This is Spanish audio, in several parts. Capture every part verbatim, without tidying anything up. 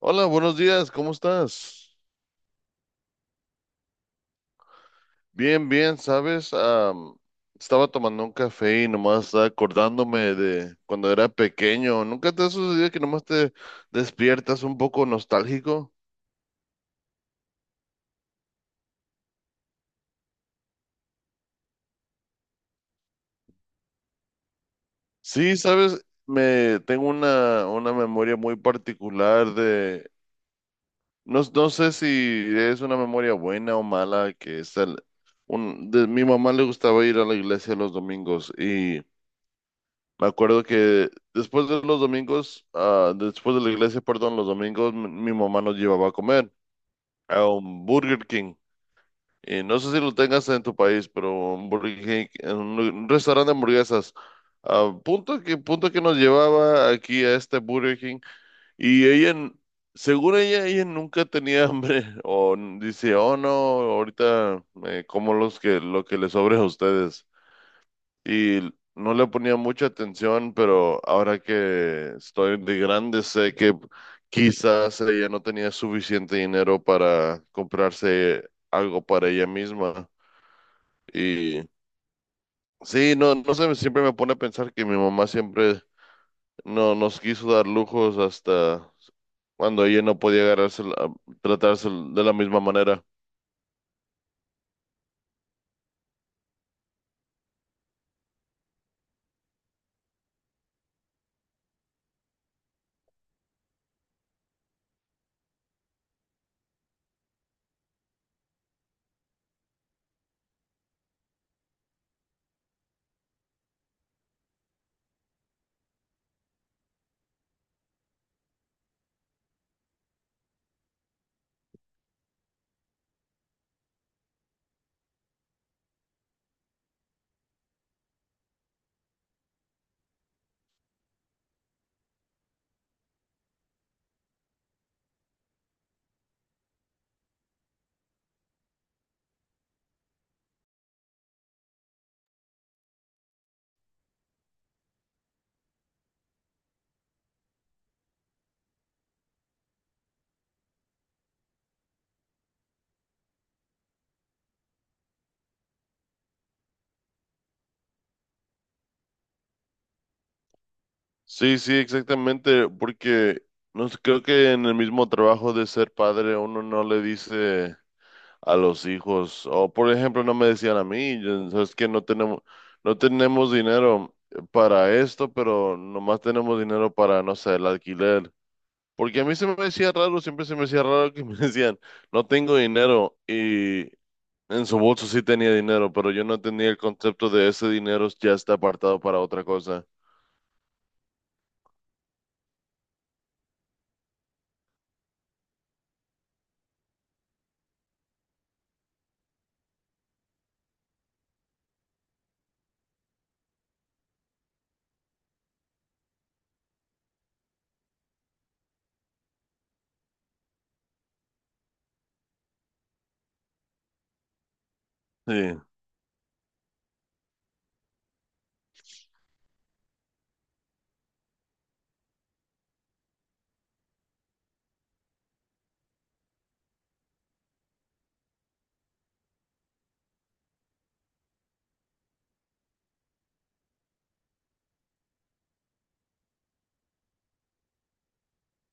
Hola, buenos días, ¿cómo estás? Bien, bien, ¿sabes? Am, estaba tomando un café y nomás estaba acordándome de cuando era pequeño. ¿Nunca te ha sucedido que nomás te despiertas un poco nostálgico? Sí, ¿sabes? Me tengo una, una memoria muy particular de, no, no sé si es una memoria buena o mala, que es el, un, de, mi mamá le gustaba ir a la iglesia los domingos y... Me acuerdo que después de los domingos, ah, después de la iglesia, perdón, los domingos, mi, mi mamá nos llevaba a comer a un Burger King. Y no sé si lo tengas en tu país, pero un Burger King, en un, lu- un restaurante de hamburguesas. A punto que, punto que nos llevaba aquí a este Burger King. Y ella, n- según ella, ella nunca tenía hambre. O n- dice, oh no, ahorita eh, como los que, lo que les sobre a ustedes y no le ponía mucha atención, pero ahora que estoy de grande sé que quizás ella no tenía suficiente dinero para comprarse algo para ella misma. Y sí, no, no sé, siempre me pone a pensar que mi mamá siempre no nos quiso dar lujos hasta cuando ella no podía agarrarse, tratarse de la misma manera. Sí, sí, exactamente, porque no sé, creo que en el mismo trabajo de ser padre uno no le dice a los hijos. O por ejemplo, no me decían a mí, yo, sabes que no tenemos, no tenemos dinero para esto, pero nomás tenemos dinero para, no sé, el alquiler. Porque a mí se me decía raro, siempre se me decía raro que me decían, no tengo dinero y en su bolso sí tenía dinero, pero yo no tenía el concepto de ese dinero ya está apartado para otra cosa. Sí,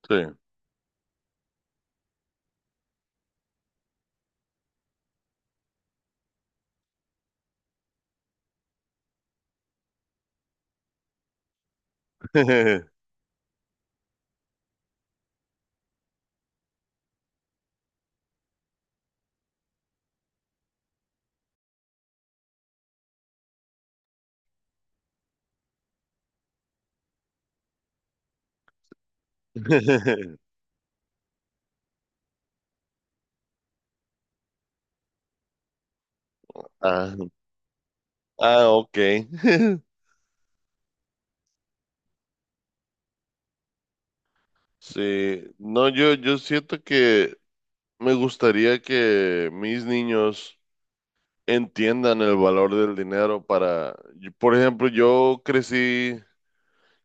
sí. Ah, ah, ok. Sí, no, yo, yo siento que me gustaría que mis niños entiendan el valor del dinero para, yo- por ejemplo, yo crecí,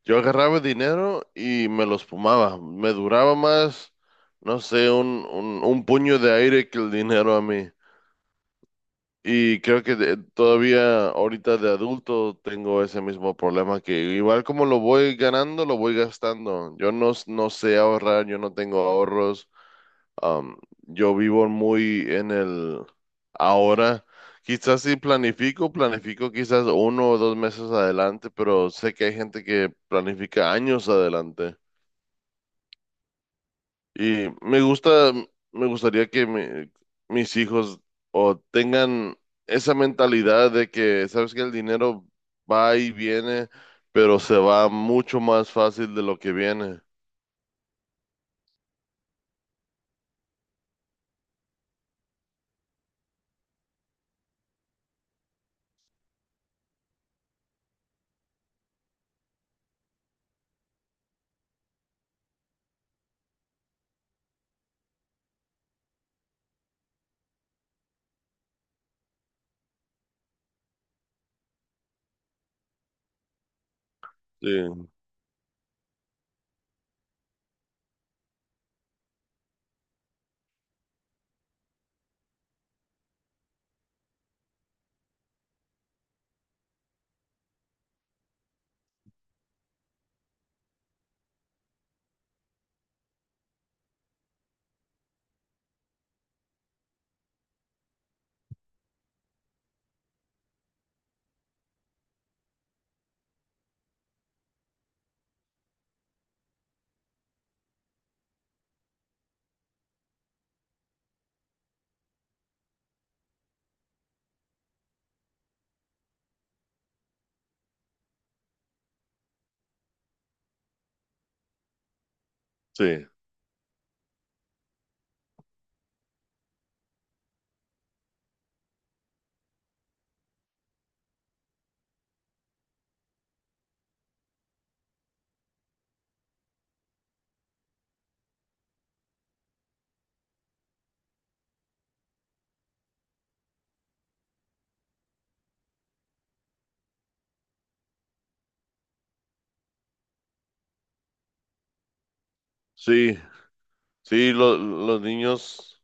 yo agarraba dinero y me los fumaba. Me duraba más, no sé, un, un, un puño de aire que el dinero a mí. Y creo que de- todavía ahorita de adulto tengo ese mismo problema que igual como lo voy ganando, lo voy gastando. Yo no, s- No sé ahorrar, yo no tengo ahorros. Am, yo vivo muy en el ahora. Quizás si planifico, planifico quizás uno o dos meses adelante, pero sé que hay gente que planifica años adelante. Y me gusta, me gustaría que mi- mis hijos o tengan esa mentalidad de que, sabes que el dinero va y viene, pero se va mucho más fácil de lo que viene. Sí, sí, sí, sí, lo- los niños.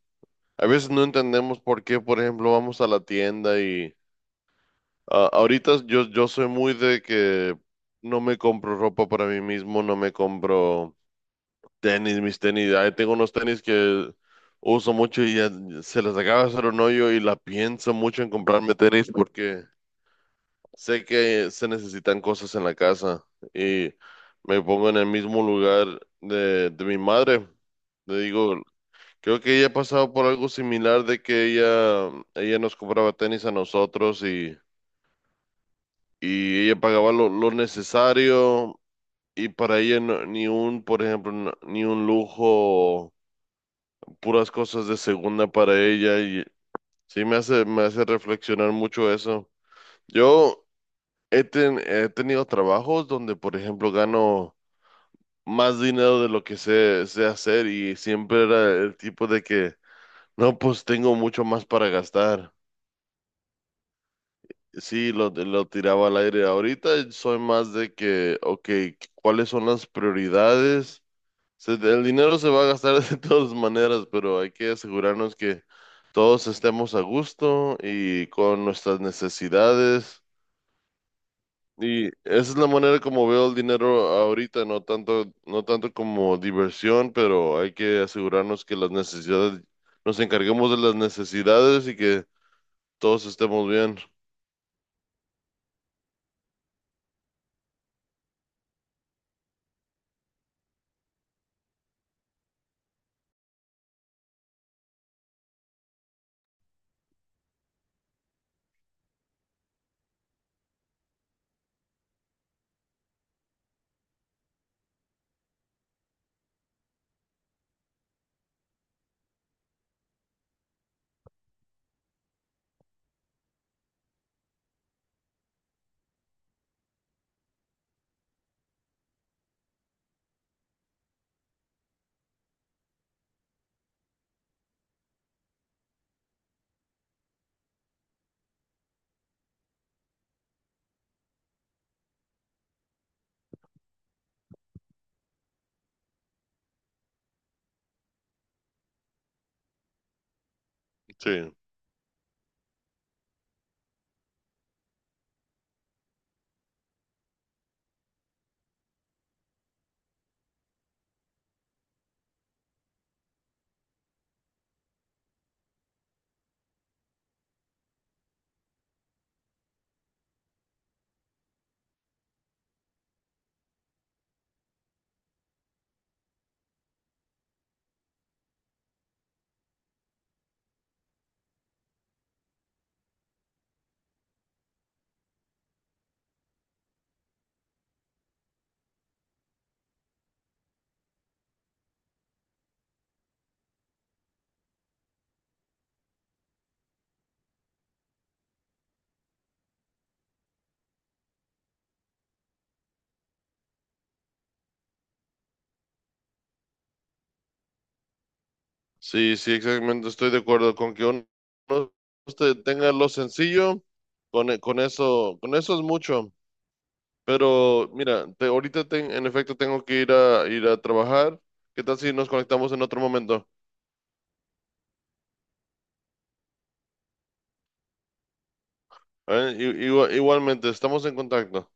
A veces no entendemos por qué, por ejemplo, vamos a la tienda y ah, ahorita yo, yo soy muy de que no me compro ropa para mí mismo, no me compro tenis, mis tenis. Ahí tengo unos tenis que uso mucho y ya se les acaba de hacer un hoyo y la pienso mucho en comprarme tenis porque sé que se necesitan cosas en la casa y me pongo en el mismo lugar de, de mi madre. Le digo, creo que ella ha pasado por algo similar de que ella, ella nos compraba tenis a nosotros y, y ella pagaba lo, lo necesario y para ella no- ni un, por ejemplo, no- ni un lujo, puras cosas de segunda para ella y sí me hace, me hace reflexionar mucho eso. Yo he, ten- he tenido trabajos donde, por ejemplo, gano más dinero de lo que sé, sé hacer y siempre era el tipo de que, no, pues tengo mucho más para gastar. Sí, lo, lo tiraba al aire. Ahorita soy más de que, ok, ¿cuáles son las prioridades? Se- el dinero se va a gastar de todas maneras, pero hay que asegurarnos que todos estemos a gusto y con nuestras necesidades. Y esa es la manera como veo el dinero ahorita, no tanto, no tanto como diversión, pero hay que asegurarnos que las necesidades, nos encarguemos de las necesidades y que todos estemos bien. Sí. Sí, sí, exactamente. Estoy de acuerdo con que uno usted tenga lo sencillo, con, e- con eso, con eso es mucho. Pero mira, te- ahorita ten- en efecto tengo que ir a ir a trabajar. ¿Qué tal si nos conectamos en otro momento? ¿Eh? I- igua- Igualmente, estamos en contacto.